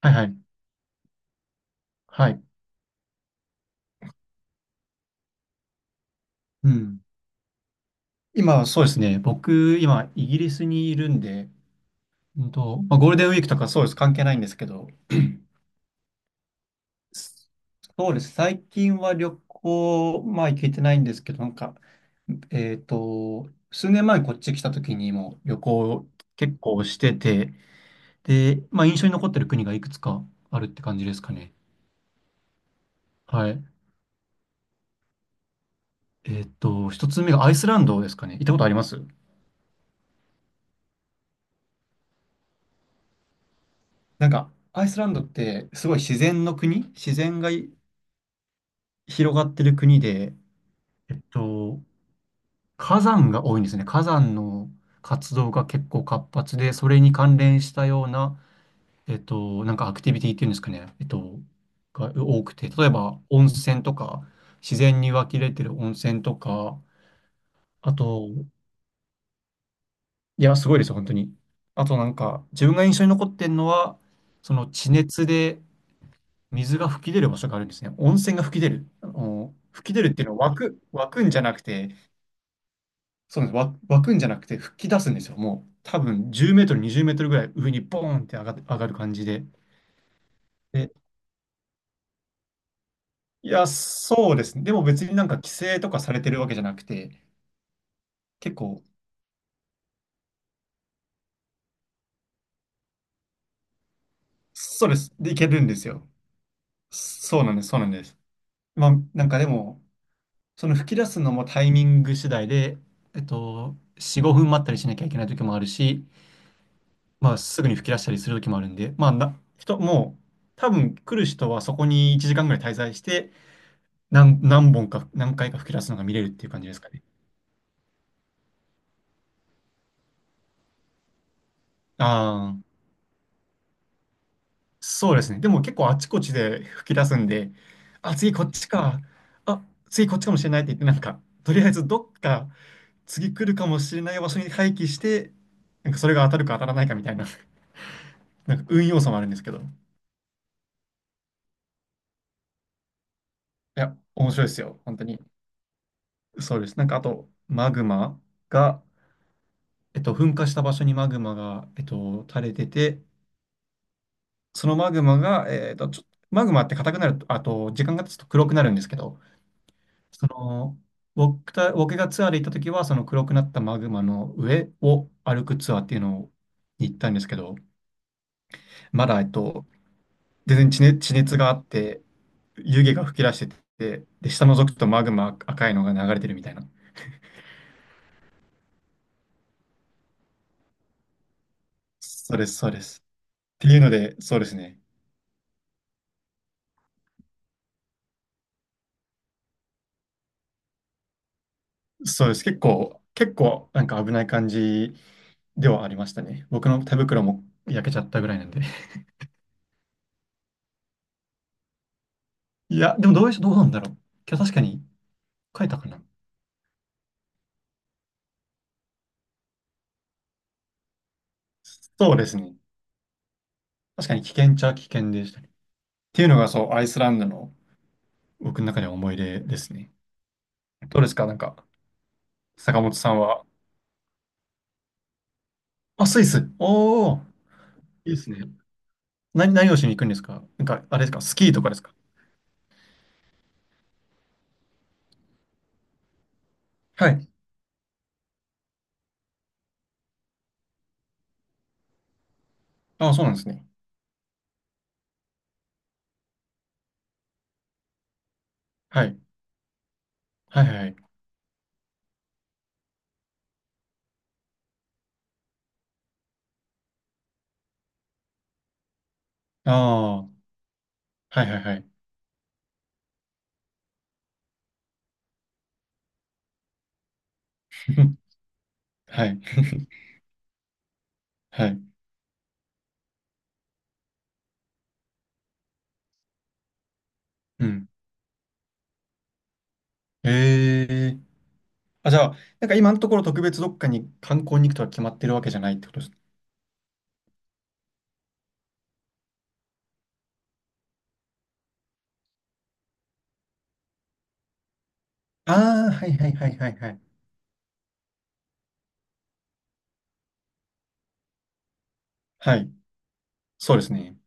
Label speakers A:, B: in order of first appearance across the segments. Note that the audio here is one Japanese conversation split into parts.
A: はいはい。はい。うん。今、そうですね。僕、今、イギリスにいるんで、まあ、ゴールデンウィークとかそうです。関係ないんですけど、s- そうです。最近は旅行、まあ、行けてないんですけど、なんか、数年前にこっち来た時にも旅行結構してて、で、まあ、印象に残ってる国がいくつかあるって感じですかね。はい。一つ目がアイスランドですかね。行ったことあります？なんか、アイスランドってすごい自然の国、自然が広がってる国で、えっと、火山が多いんですね。火山の活動が結構活発で、それに関連したような、なんかアクティビティっていうんですかね、が多くて、例えば温泉とか、自然に湧き出てる温泉とか、あと、いや、すごいですよ、本当に。あとなんか、自分が印象に残ってるのは、その地熱で水が噴き出る場所があるんですね。温泉が噴き出る。あの、噴き出るっていうのは湧くんじゃなくて、そうなんです。湧くんじゃなくて吹き出すんですよ。もう多分10メートル、20メートルぐらい上にボーンって上がる感じで。で、いや、そうですね。でも別になんか規制とかされてるわけじゃなくて、結構、そうです。で、いけるんですよ。そうなんです。そうなんです。まあ、なんかでも、その吹き出すのもタイミング次第で、4、5分待ったりしなきゃいけない時もあるし、まあ、すぐに吹き出したりする時もあるんで、まあ、もう、多分来る人はそこに1時間ぐらい滞在して、何本か、何回か吹き出すのが見れるっていう感じですかね。ああ、そうですね。でも結構あちこちで吹き出すんで、あ、次こっちか。あ、次こっちかもしれないって言って、なんか、とりあえずどっか次来るかもしれない場所に廃棄して、なんかそれが当たるか当たらないかみたいな、なんか運要素もあるんですけど。いや、面白いですよ。本当に。そうです。なんかあと、マグマが、噴火した場所にマグマが、垂れてて、そのマグマが、マグマって硬くなると、あと、時間が経つと黒くなるんですけど、その、僕がツアーで行った時は、その黒くなったマグマの上を歩くツアーっていうのをに行ったんですけど、まだ、全然地熱があって、湯気が噴き出してて、で、下覗くとマグマ赤いのが流れてるみたいな。そうです、そうです。っていうので、そうですね。そうです。結構、なんか危ない感じではありましたね。僕の手袋も焼けちゃったぐらいなんで。いや、でもどうなんだろう。今日確かに書いたかな。そうですね。確かに危険っちゃ危険でしたね。っていうのが、そう、アイスランドの僕の中では思い出ですね。どうですかなんか、坂本さんは。あ、スイス。おー、いいですね。何をしに行くんですか？なんか、あれですかスキーとかですか？はい。ああ、そうなんですね。はい。はいはいはい。ああ、はいはいはい。はい。はい。うん。ええ。あ、じゃあ、なんか今のところ特別どっかに観光に行くとは決まってるわけじゃないってことです？ああ、はいはいはいはいはい。はい。そうですね。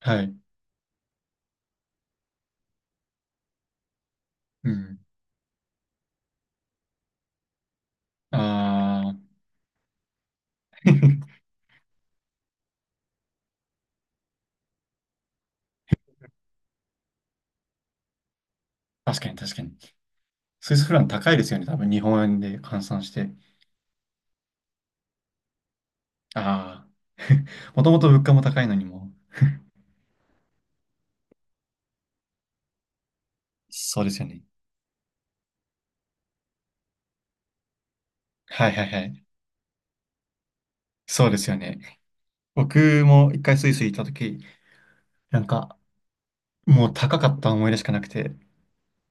A: はい。うん。ああ、確かに確かに。スイスフラン高いですよね。多分日本円で換算して。ああ。もともと物価も高いのにも。そうですよね。はいはいはい。そうですよね。僕も一回スイス行った時、なんか、もう高かった思い出しかなくて、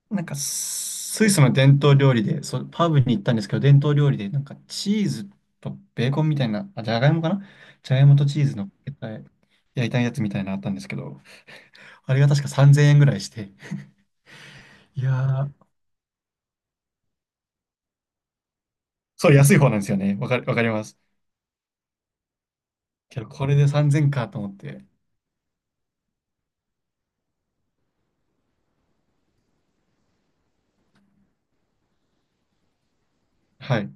A: なんかスイスの伝統料理で、そう、パブに行ったんですけど、伝統料理で、なんかチーズとベーコンみたいな、あ、じゃがいもかな、じゃがいもとチーズの焼いたやつみたいなのあったんですけど、あれが確か3000円ぐらいして、いやー、そう、安い方なんですよね。わかります。けど、これで3000円かと思って、はい。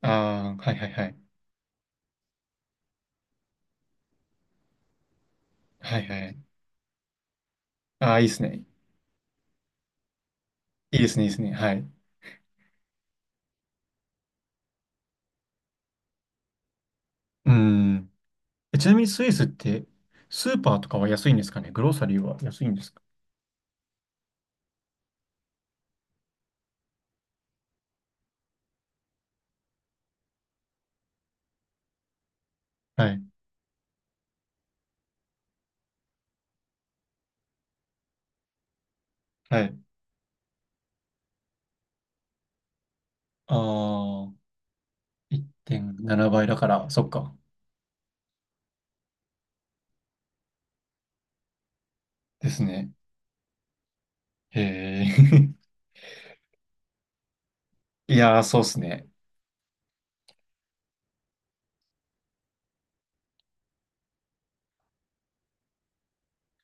A: あー、はいはいはい。はいはい。あー、いいですね。いいですね、いいですね。はい。うん。ちなみにスイスって、スーパーとかは安いんですかね？グローサリーは安いんですか？はい。はい。ああ、1.7倍だから、そっか。ですね。へえ。いやー、そうっすね。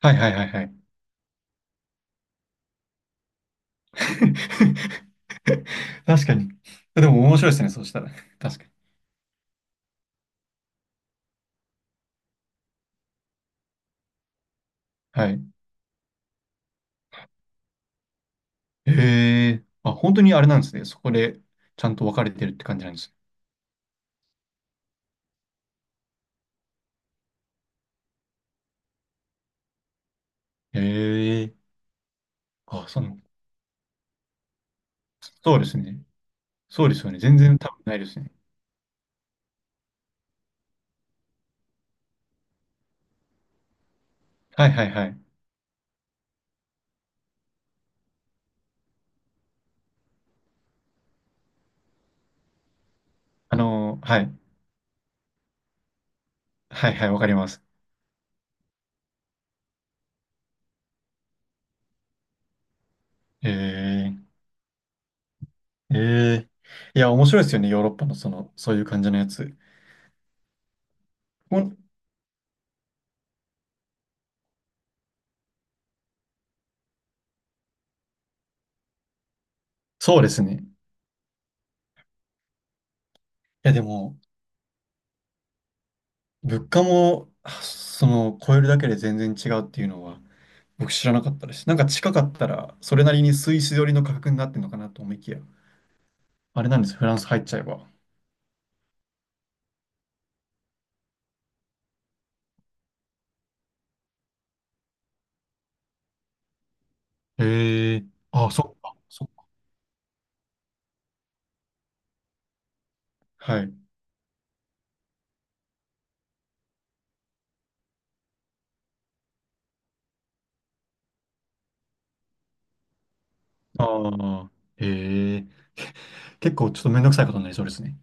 A: はいはいはいはい。確かに。でも面白いですね、そうしたら。確かに。はい。へえ。あ、本当にあれなんですね。そこでちゃんと分かれてるって感じなんですね。へえ。あ、その、そうですね。そうですよね。全然多分ないですね。はいはいはい。はい。はいはい、わかります。へえ。ええ。いや、面白いですよね。ヨーロッパのその、そういう感じのやつ。ほんそうですね。いや、でも、物価も、あ、その、超えるだけで全然違うっていうのは、僕知らなかったです。なんか近かったら、それなりにスイス寄りの価格になってるのかなと思いきや、あれなんですよ。フランス入っちゃえば。ええ。ああ、そっか、そっか。はい。ああ、ええ。結構ちょっとめんどくさいことになりそうですね。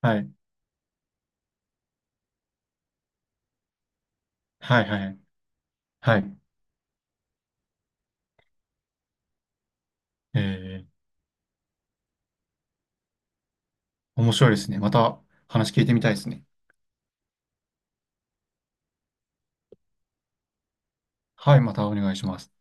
A: はい。はい、はい、はい。ええ。面白いですね。また話聞いてみたいですね。はい、またお願いします。